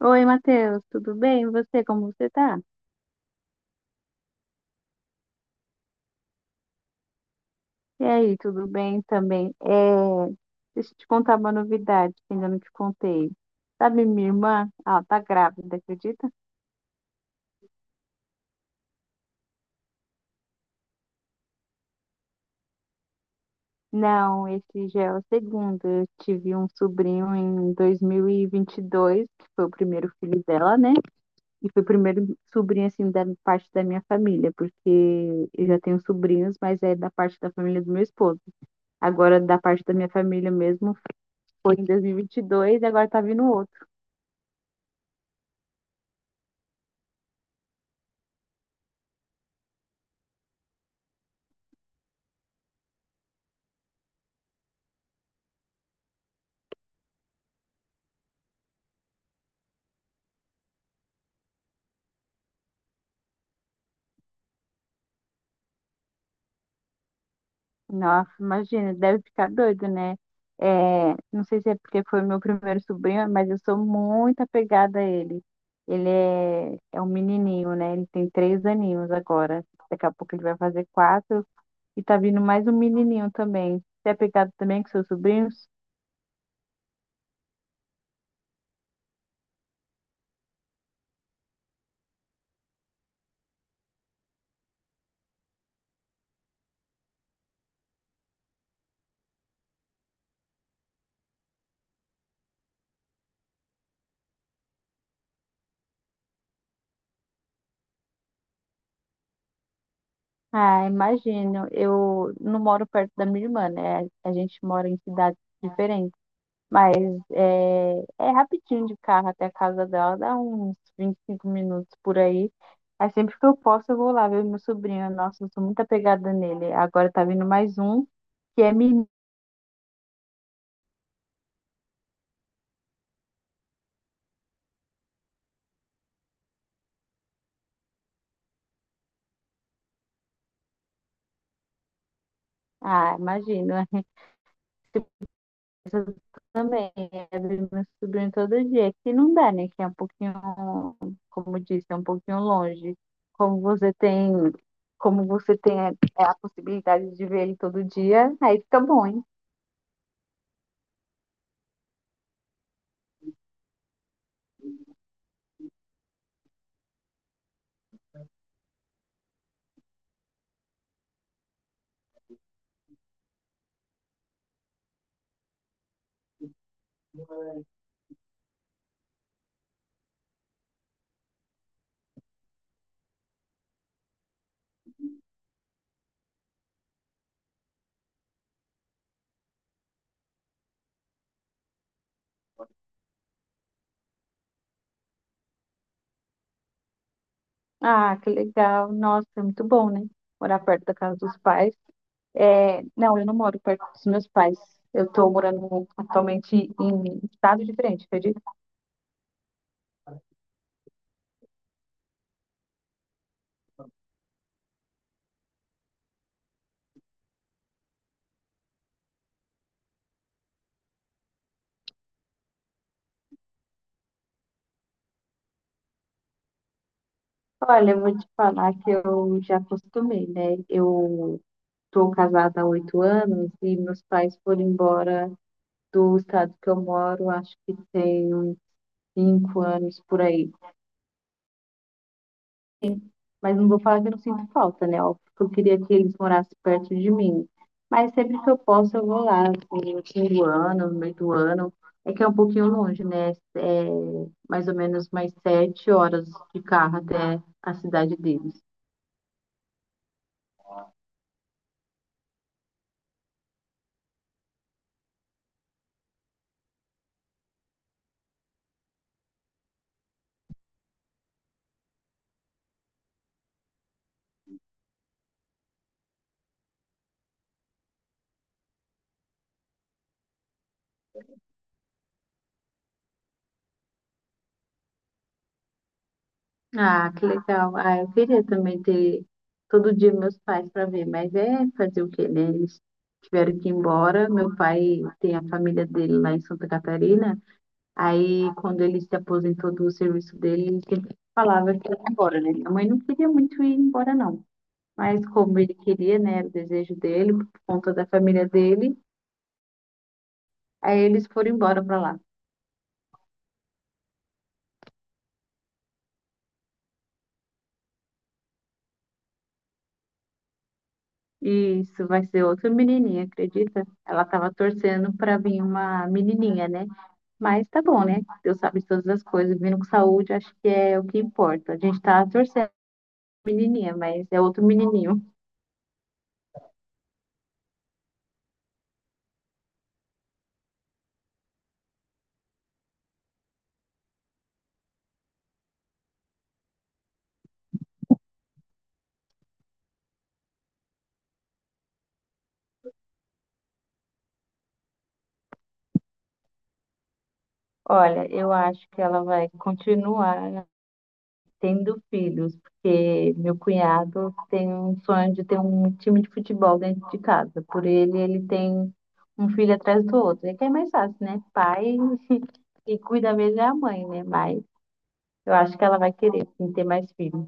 Oi, Matheus, tudo bem? E você, como você tá? E aí, tudo bem também? É, deixa eu te contar uma novidade que ainda não te contei. Sabe, minha irmã, ela tá grávida, acredita? Não, esse já é o segundo. Eu tive um sobrinho em 2022, que foi o primeiro filho dela, né? E foi o primeiro sobrinho, assim, da parte da minha família, porque eu já tenho sobrinhos, mas é da parte da família do meu esposo. Agora, da parte da minha família mesmo, foi em 2022 e 22 e agora tá vindo outro. Nossa, imagina, deve ficar doido, né? É, não sei se é porque foi meu primeiro sobrinho, mas eu sou muito apegada a ele. Ele é um menininho, né? Ele tem 3 aninhos agora. Daqui a pouco ele vai fazer quatro e tá vindo mais um menininho também. Você é apegado também com seus sobrinhos? Ah, imagino. Eu não moro perto da minha irmã, né? A gente mora em cidades diferentes. Mas é, é rapidinho de carro até a casa dela, dá uns 25 minutos por aí. Aí sempre que eu posso, eu vou lá ver meu sobrinho. Nossa, eu sou muito apegada nele. Agora tá vindo mais um, que é menino. Ah, imagina, eu também. Eu vejo meu sobrinho todo dia, que não dá, né? Que é um pouquinho, como eu disse, é um pouquinho longe. Como você tem, como você tem a possibilidade de ver ele todo dia, aí fica bom, hein? Ah, que legal. Nossa, é muito bom, né? Morar perto da casa dos pais. É, não, eu não moro perto dos meus pais. Eu estou morando atualmente em estado diferente, acredito. Olha, eu vou te falar que eu já acostumei, né? Eu estou casada há 8 anos e meus pais foram embora do estado que eu moro, acho que tem uns 5 anos por aí. Mas não vou falar que eu não sinto falta, né? Óbvio que eu queria que eles morassem perto de mim. Mas sempre que eu posso, eu vou lá, assim, no fim do ano, no meio do ano. É que é um pouquinho longe, né? É mais ou menos mais 7 horas de carro até a cidade deles. Ah, que legal. Ah, eu queria também ter todo dia meus pais para ver, mas é fazer o quê, né? Eles tiveram que ir embora. Meu pai tem a família dele lá em Santa Catarina. Aí, quando ele se aposentou do serviço dele, ele falava é que ia embora, né? Minha mãe não queria muito ir embora, não. Mas como ele queria, né? Era o desejo dele, por conta da família dele, aí eles foram embora para lá. E isso vai ser outra menininha, acredita? Ela tava torcendo para vir uma menininha, né? Mas tá bom, né? Deus sabe de todas as coisas, vindo com saúde, acho que é o que importa. A gente tá torcendo pra menininha, mas é outro menininho. Olha, eu acho que ela vai continuar tendo filhos, porque meu cunhado tem um sonho de ter um time de futebol dentro de casa. Por ele, ele tem um filho atrás do outro. É que é mais fácil, né? Pai e cuida mesmo é a mãe, né? Mas eu acho que ela vai querer sim, ter mais filhos.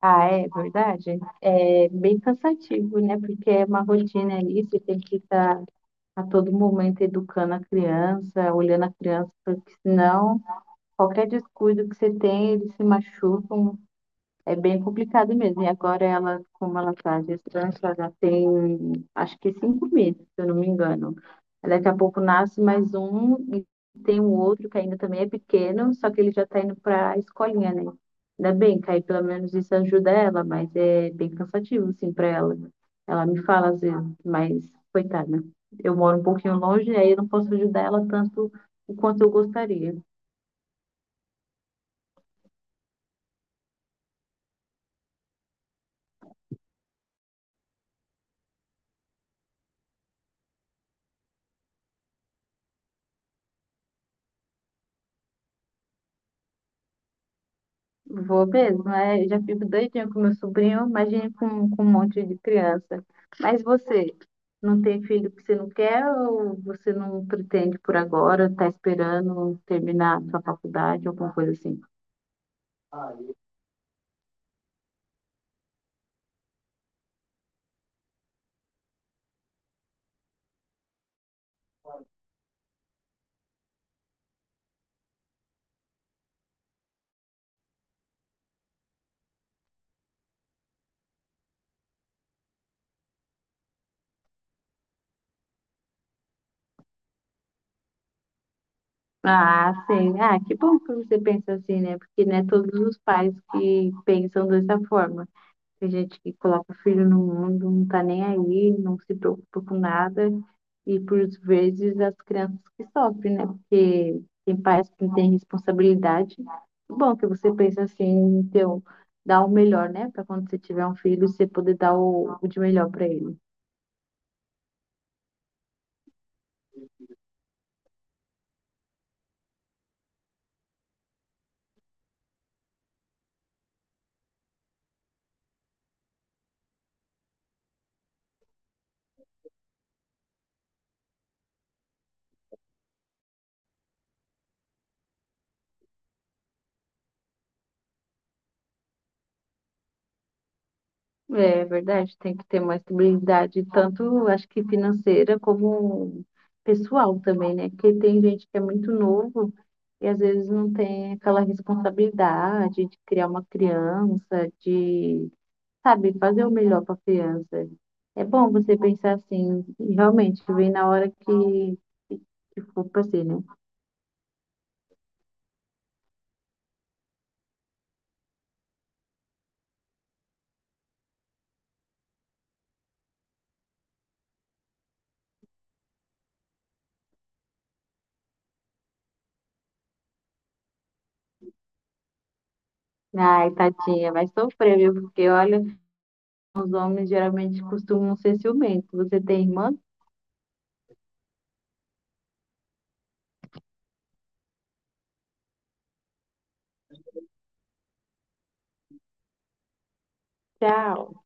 Ah, é verdade? É bem cansativo, né? Porque é uma rotina ali, você tem que estar a todo momento educando a criança, olhando a criança, porque senão qualquer descuido que você tem, eles se machucam. É bem complicado mesmo. E agora ela, como ela está gestante, ela já tem acho que 5 meses, se eu não me engano. Aí daqui a pouco nasce mais um e tem um outro que ainda também é pequeno, só que ele já está indo para a escolinha, né? Ainda bem que aí pelo menos isso ajuda ela, mas é bem cansativo, assim, para ela. Ela me fala às vezes, mas coitada, eu moro um pouquinho longe, aí eu não posso ajudar ela tanto o quanto eu gostaria. Vou mesmo, é, eu já fico doidinha com meu sobrinho, imagine com um monte de criança. Mas você, não tem filho que você não quer ou você não pretende por agora, tá esperando terminar sua faculdade, alguma coisa assim? Ah, sim. Ah, que bom que você pensa assim, né? Porque não é todos os pais que pensam dessa forma. Tem gente que coloca filho no mundo, não tá nem aí, não se preocupa com nada. E por vezes as crianças que sofrem, né? Porque tem pais que não têm responsabilidade. Bom, é que você pensa assim, então, dar o melhor, né? Para quando você tiver um filho, você poder dar o de melhor para ele. É verdade, tem que ter uma estabilidade, tanto acho que financeira como pessoal também, né? Porque tem gente que é muito novo e às vezes não tem aquela responsabilidade de criar uma criança, de, sabe, fazer o melhor para a criança. É bom você pensar assim, e realmente, vem na hora que, que que for para ser, né? Ai, tadinha, vai sofrer, viu? Porque olha, os homens geralmente costumam ser ciumentos. Você tem irmã? Tchau.